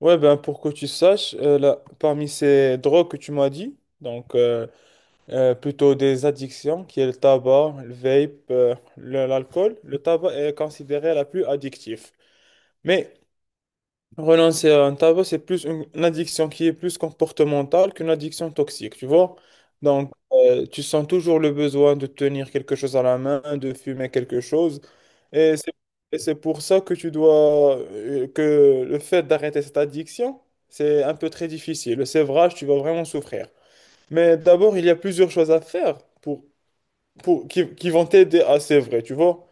Ouais, ben pour que tu saches, là, parmi ces drogues que tu m'as dit, donc plutôt des addictions, qui est le tabac, le vape, l'alcool, le tabac est considéré la plus addictive. Mais renoncer à un tabac, c'est plus une addiction qui est plus comportementale qu'une addiction toxique, tu vois. Donc, tu sens toujours le besoin de tenir quelque chose à la main, de fumer quelque chose. Et c'est et c'est pour ça que le fait d'arrêter cette addiction, c'est un peu très difficile. Le sévrage, tu vas vraiment souffrir. Mais d'abord, il y a plusieurs choses à faire qui vont t'aider à sévrer, tu vois.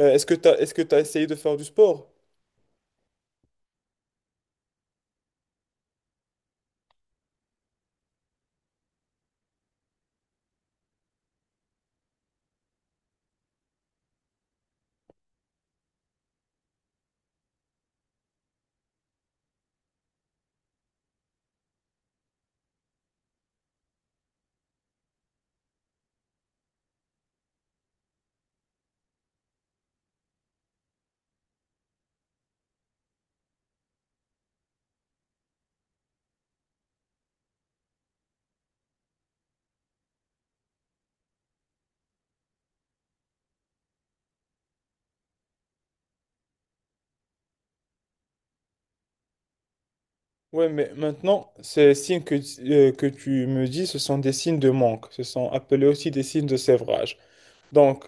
Est-ce que tu essayé de faire du sport? Ouais, mais maintenant, ces signes que tu me dis, ce sont des signes de manque. Ce sont appelés aussi des signes de sévrage. Donc,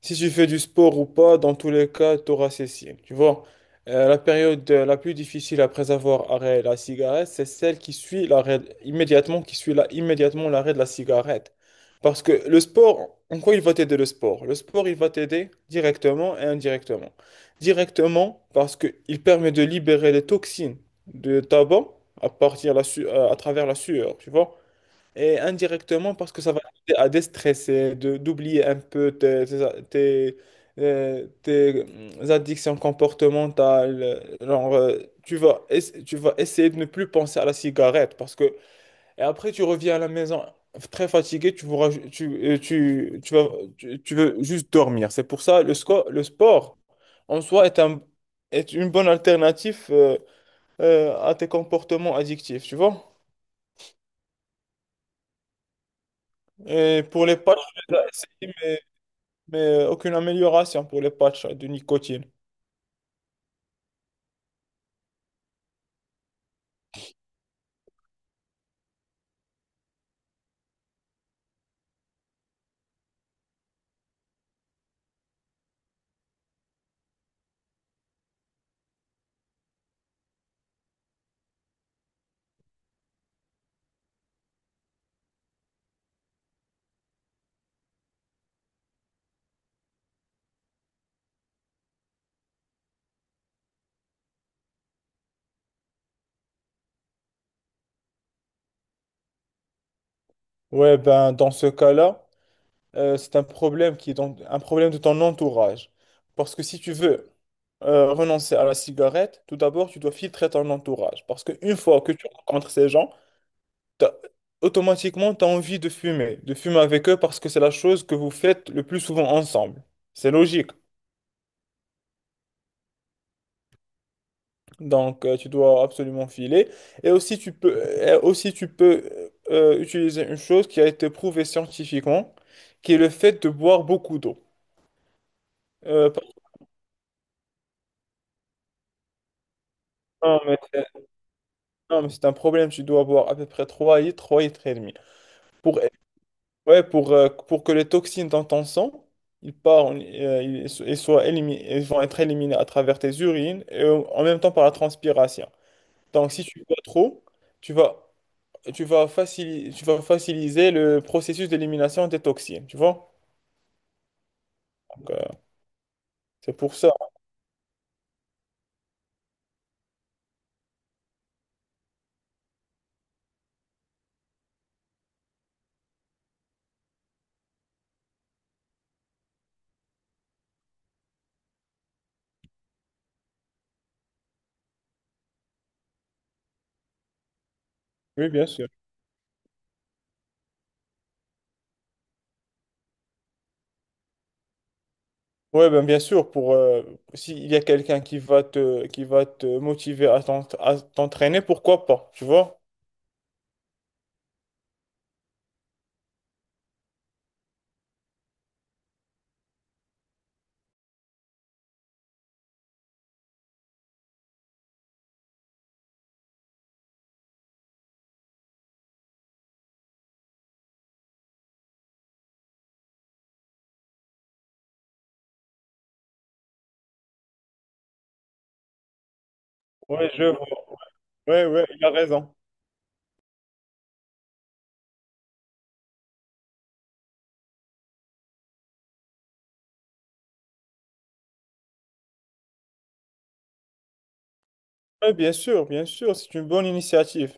si tu fais du sport ou pas, dans tous les cas, tu auras cessé. Tu vois, la plus difficile après avoir arrêté la cigarette, c'est celle qui suit l'arrêt immédiatement, qui suit là, immédiatement l'arrêt de la cigarette. Parce que le sport, en quoi il va t'aider le sport? Le sport, il va t'aider directement et indirectement. Directement, parce qu'il permet de libérer les toxines de tabac à travers la sueur, tu vois. Et indirectement, parce que ça va t'aider à déstresser, d'oublier un peu tes addictions comportementales. Genre, tu vas essayer de ne plus penser à la cigarette et après, tu reviens à la maison très fatigué, tu, voudras ju- tu, tu, tu vas, tu veux juste dormir. C'est pour ça le sport en soi est une bonne alternative à tes comportements addictifs, tu vois? Et pour les pas, mais aucune amélioration pour les patchs de nicotine. Ouais, ben dans ce cas-là, c'est un problème qui est donc un problème de ton entourage. Parce que si tu veux renoncer à la cigarette, tout d'abord, tu dois filtrer ton entourage. Parce qu'une fois que tu rencontres ces gens, t'as- automatiquement, tu as envie de fumer avec eux parce que c'est la chose que vous faites le plus souvent ensemble. C'est logique. Donc, tu dois absolument filer. Et aussi, tu peux utiliser une chose qui a été prouvée scientifiquement, qui est le fait de boire beaucoup d'eau. Euh, par- non, c'est non, mais c'est un problème. Tu dois boire à peu près 3 litres, 3 litres et demi. Pour, ouais, pour que les toxines dans ton sang, ils partent, ils, so- ils soient élimi- ils vont être éliminés à travers tes urines et en en même temps par la transpiration. Donc, si tu bois trop, tu vas tu vas faciliter le processus d'élimination des toxines, tu vois? Donc, c'est pour ça. Oui, bien sûr. Oui, ben, bien sûr, pour s'il y a quelqu'un qui va te motiver à t'entraîner, pourquoi pas, tu vois? Oui, je vois. Oui, oui, il a raison. Oui, bien sûr, c'est une bonne initiative.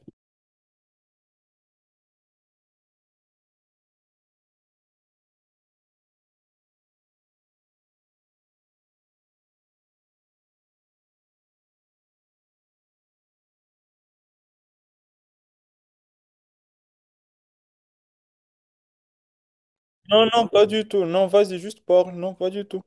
Non, non, pas du tout. Non, vas-y, juste parle. Non, pas du tout.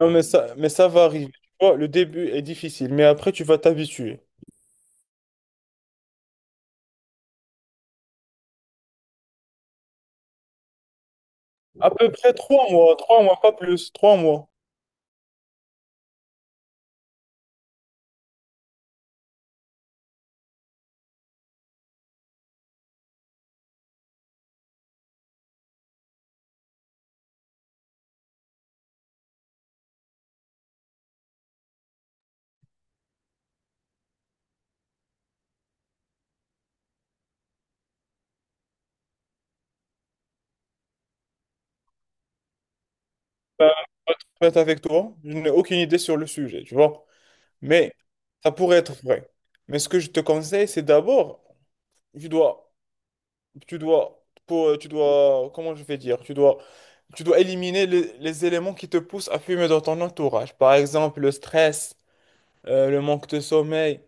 Non, mais ça va arriver. Tu vois, le début est difficile, mais après, tu vas t'habituer. À peu près 3 mois, 3 mois, pas plus, 3 mois. Honnête avec toi, je n'ai aucune idée sur le sujet, tu vois. Mais ça pourrait être vrai. Mais ce que je te conseille, c'est d'abord, tu dois, tu dois, pour, tu dois, comment je vais dire, tu dois éliminer les éléments qui te poussent à fumer dans ton entourage. Par exemple, le stress, le manque de sommeil,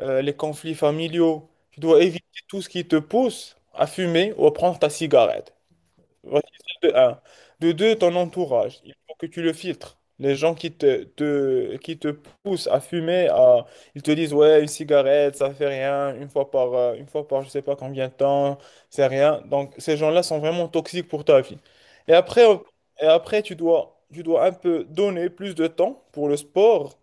les conflits familiaux. Tu dois éviter tout ce qui te pousse à fumer ou à prendre ta cigarette. Voici celle de un. De deux, ton entourage. Il faut que tu le filtres. Les gens qui te poussent à fumer, ils te disent, ouais, une cigarette, ça fait rien, une fois par je sais pas combien de temps, c'est rien. Donc, ces gens-là sont vraiment toxiques pour ta vie. Et après, tu dois un peu donner plus de temps pour le sport,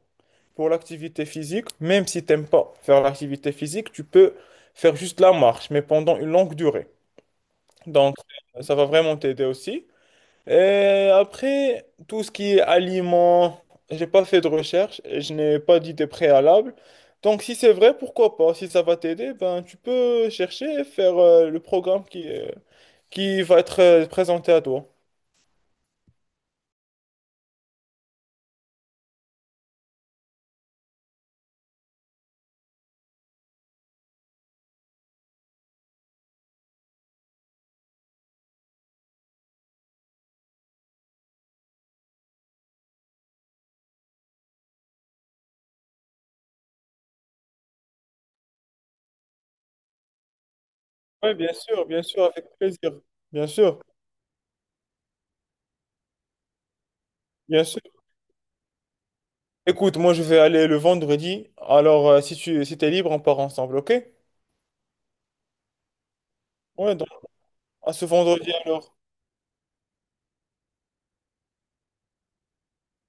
pour l'activité physique. Même si t'aimes pas faire l'activité physique, tu peux faire juste la marche, mais pendant une longue durée. Donc, ça va vraiment t'aider aussi. Et après, tout ce qui est aliments, j'ai pas fait de recherche, et je n'ai pas d'idée préalable. Donc, si c'est vrai, pourquoi pas? Si ça va t'aider, ben, tu peux chercher et faire le programme qui va être présenté à toi. Oui, bien sûr, avec plaisir. Bien sûr, bien sûr. Écoute, moi, je vais aller le vendredi. Alors, si t'es libre, on part ensemble, ok? Ouais, donc, à ce vendredi alors.